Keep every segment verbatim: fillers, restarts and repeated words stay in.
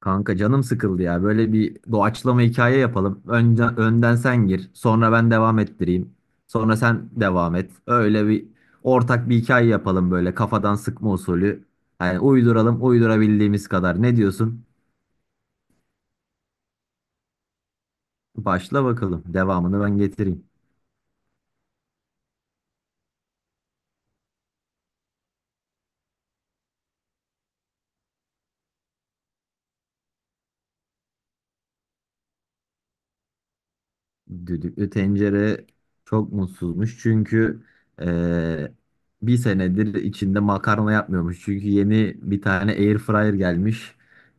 Kanka canım sıkıldı ya. Böyle bir doğaçlama hikaye yapalım. Önce, önden sen gir. Sonra ben devam ettireyim. Sonra sen devam et. Öyle bir ortak bir hikaye yapalım böyle kafadan sıkma usulü. Yani uyduralım uydurabildiğimiz kadar. Ne diyorsun? Başla bakalım. Devamını ben getireyim. Düdüklü tencere çok mutsuzmuş çünkü eee, bir senedir içinde makarna yapmıyormuş. Çünkü yeni bir tane air fryer gelmiş.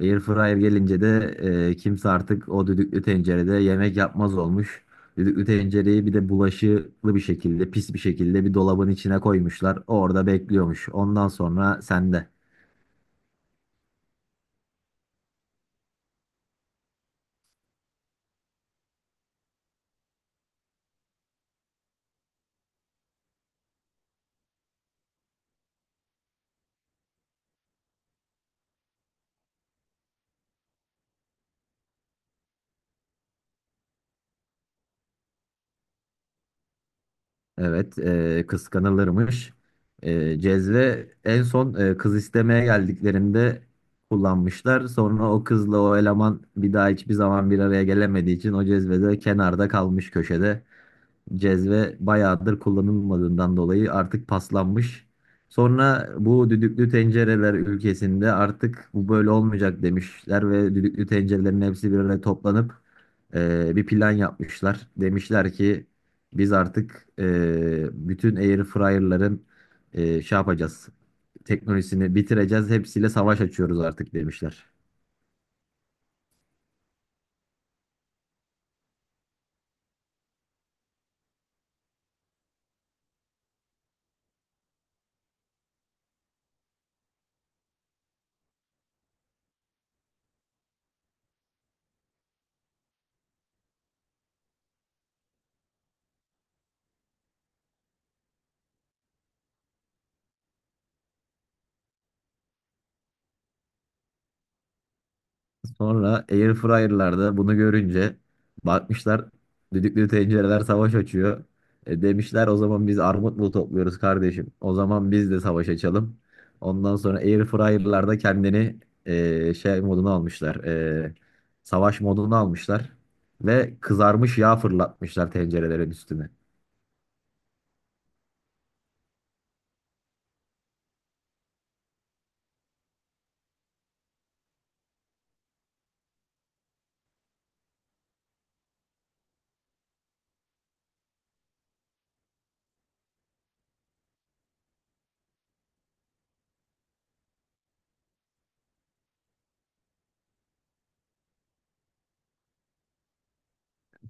Air fryer gelince de eee, kimse artık o düdüklü tencerede yemek yapmaz olmuş. Düdüklü tencereyi bir de bulaşıklı bir şekilde, pis bir şekilde bir dolabın içine koymuşlar. Orada bekliyormuş. Ondan sonra sende. Evet, e, kıskanılırmış. E, cezve en son e, kız istemeye geldiklerinde kullanmışlar. Sonra o kızla o eleman bir daha hiçbir zaman bir araya gelemediği için o cezvede kenarda kalmış köşede. Cezve bayağıdır kullanılmadığından dolayı artık paslanmış. Sonra bu düdüklü tencereler ülkesinde artık bu böyle olmayacak demişler ve düdüklü tencerelerin hepsi bir araya toplanıp e, bir plan yapmışlar. Demişler ki biz artık e, bütün air fryer'ların e, şey yapacağız, teknolojisini bitireceğiz, hepsiyle savaş açıyoruz artık demişler. Sonra airfryer'larda bunu görünce bakmışlar düdüklü tencereler savaş açıyor. E, demişler o zaman biz armut mu topluyoruz kardeşim? O zaman biz de savaş açalım. Ondan sonra airfryer'larda kendini e, şey moduna almışlar. e, savaş moduna almışlar. Ve kızarmış yağ fırlatmışlar tencerelerin üstüne.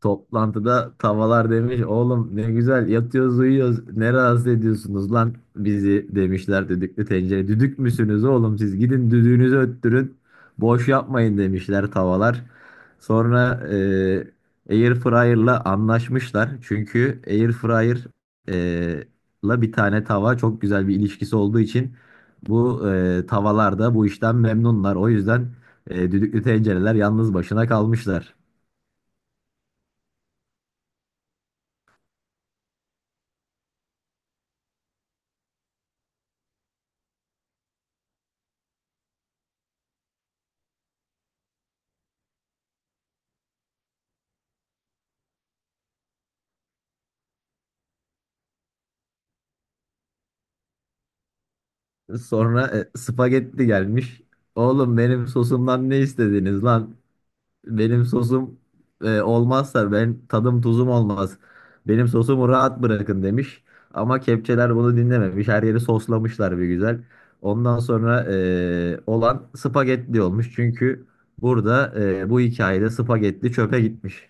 Toplantıda tavalar demiş oğlum ne güzel yatıyoruz uyuyoruz ne rahatsız ediyorsunuz lan bizi demişler düdüklü tencere düdük müsünüz oğlum siz gidin düdüğünüzü öttürün boş yapmayın demişler tavalar sonra eee air fryer'la anlaşmışlar çünkü air fryer eee, la bir tane tava çok güzel bir ilişkisi olduğu için bu eee, tavalar da bu işten memnunlar o yüzden eee, düdüklü tencereler yalnız başına kalmışlar. Sonra e, spagetti gelmiş. Oğlum benim sosumdan ne istediniz lan? Benim sosum e, olmazsa ben tadım tuzum olmaz. Benim sosumu rahat bırakın demiş. Ama kepçeler bunu dinlememiş. Her yeri soslamışlar bir güzel. Ondan sonra e, olan spagetti olmuş. Çünkü burada e, bu hikayede spagetti çöpe gitmiş.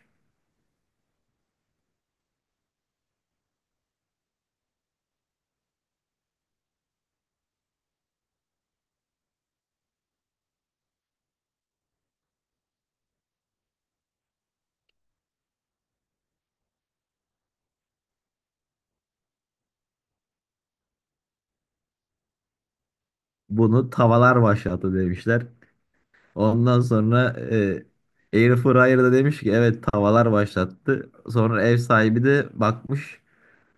Bunu tavalar başlattı demişler. Ondan sonra e, Air Fryer'da demiş ki evet tavalar başlattı. Sonra ev sahibi de bakmış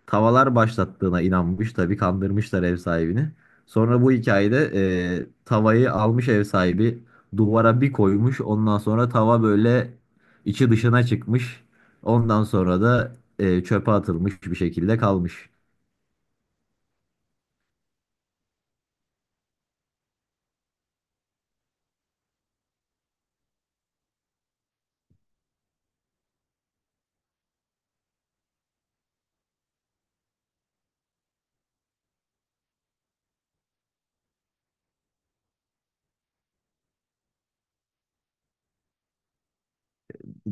tavalar başlattığına inanmış. Tabii kandırmışlar ev sahibini. Sonra bu hikayede e, tavayı almış ev sahibi duvara bir koymuş. Ondan sonra tava böyle içi dışına çıkmış. Ondan sonra da e, çöpe atılmış bir şekilde kalmış.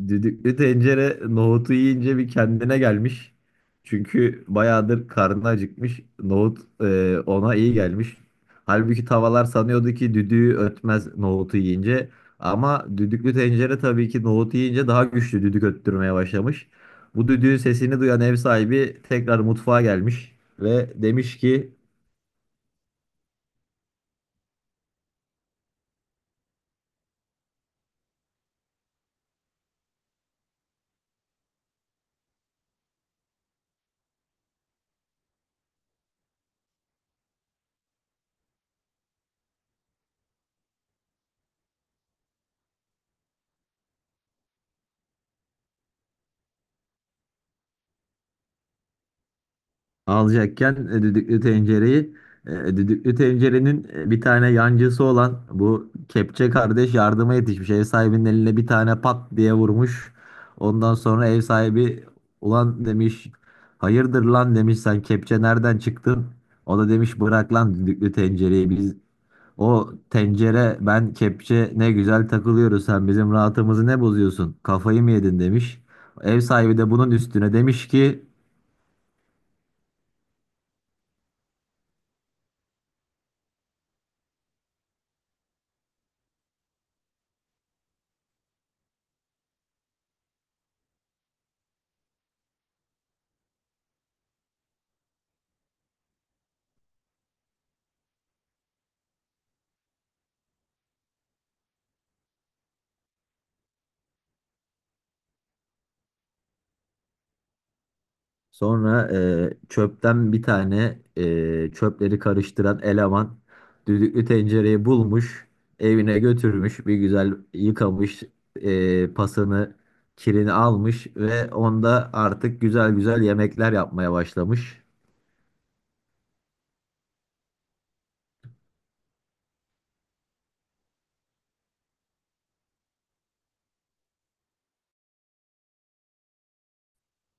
Düdüklü tencere nohutu yiyince bir kendine gelmiş. Çünkü bayağıdır karnı acıkmış. Nohut e, ona iyi gelmiş. Halbuki tavalar sanıyordu ki düdüğü ötmez nohutu yiyince. Ama düdüklü tencere tabii ki nohutu yiyince daha güçlü düdük öttürmeye başlamış. Bu düdüğün sesini duyan ev sahibi tekrar mutfağa gelmiş ve demiş ki alacakken e, düdüklü tencereyi e, düdüklü tencerenin e, bir tane yancısı olan bu kepçe kardeş yardıma yetişmiş. Ev sahibinin eline bir tane pat diye vurmuş. Ondan sonra ev sahibi ulan demiş hayırdır lan demiş sen kepçe nereden çıktın? O da demiş bırak lan düdüklü tencereyi biz o tencere ben kepçe ne güzel takılıyoruz sen bizim rahatımızı ne bozuyorsun kafayı mı yedin demiş. Ev sahibi de bunun üstüne demiş ki sonra e, çöpten bir tane e, çöpleri karıştıran eleman düdüklü tencereyi bulmuş, evine götürmüş, bir güzel yıkamış, e, pasını, kirini almış ve onda artık güzel güzel yemekler yapmaya başlamış.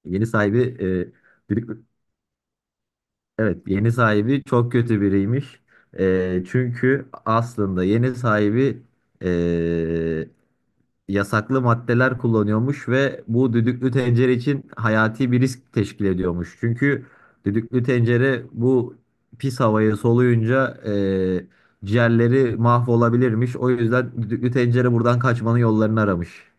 Yeni sahibi e, düdüklü- Evet, yeni sahibi çok kötü biriymiş. E, çünkü aslında yeni sahibi e, yasaklı maddeler kullanıyormuş ve bu düdüklü tencere için hayati bir risk teşkil ediyormuş. Çünkü düdüklü tencere bu pis havayı soluyunca e, ciğerleri mahvolabilirmiş. O yüzden düdüklü tencere buradan kaçmanın yollarını aramış.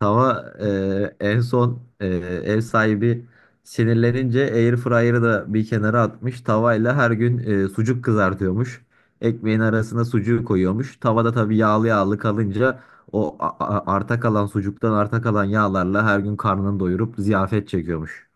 Tava e, en son e, ev sahibi sinirlenince air fryer'ı da bir kenara atmış. Tavayla her gün e, sucuk kızartıyormuş. Ekmeğin arasına sucuğu koyuyormuş. Tavada tabii yağlı yağlı kalınca o a- a- arta kalan sucuktan arta kalan yağlarla her gün karnını doyurup ziyafet çekiyormuş.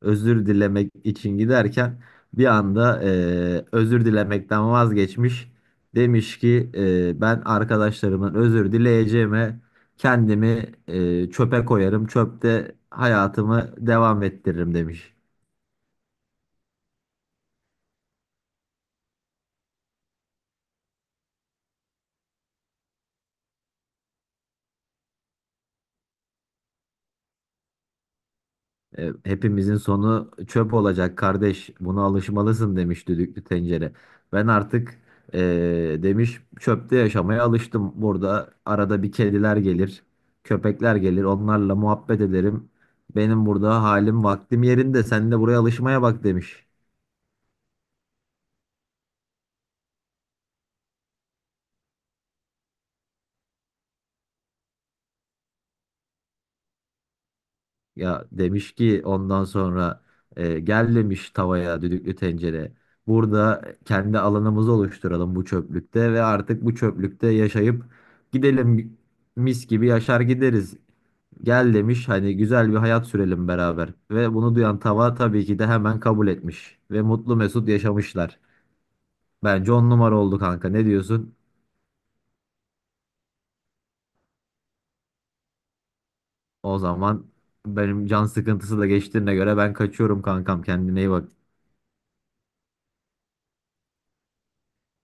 Özür dilemek için giderken bir anda eee, özür dilemekten vazgeçmiş. Demiş ki eee, ben arkadaşlarımın özür dileyeceğime kendimi eee, çöpe koyarım. Çöpte hayatımı devam ettiririm demiş. E, Hepimizin sonu çöp olacak kardeş. Buna alışmalısın demiş düdüklü tencere. Ben artık e, demiş çöpte yaşamaya alıştım. Burada arada bir kediler gelir, köpekler gelir. Onlarla muhabbet ederim. Benim burada halim vaktim yerinde. Sen de buraya alışmaya bak demiş. Ya demiş ki ondan sonra e, gel demiş tavaya düdüklü tencere. Burada kendi alanımızı oluşturalım bu çöplükte ve artık bu çöplükte yaşayıp gidelim mis gibi yaşar gideriz. Gel demiş hani güzel bir hayat sürelim beraber. Ve bunu duyan tava tabii ki de hemen kabul etmiş. Ve mutlu mesut yaşamışlar. Bence on numara oldu kanka, ne diyorsun? O zaman benim can sıkıntısı da geçtiğine göre ben kaçıyorum kankam, kendine iyi bak.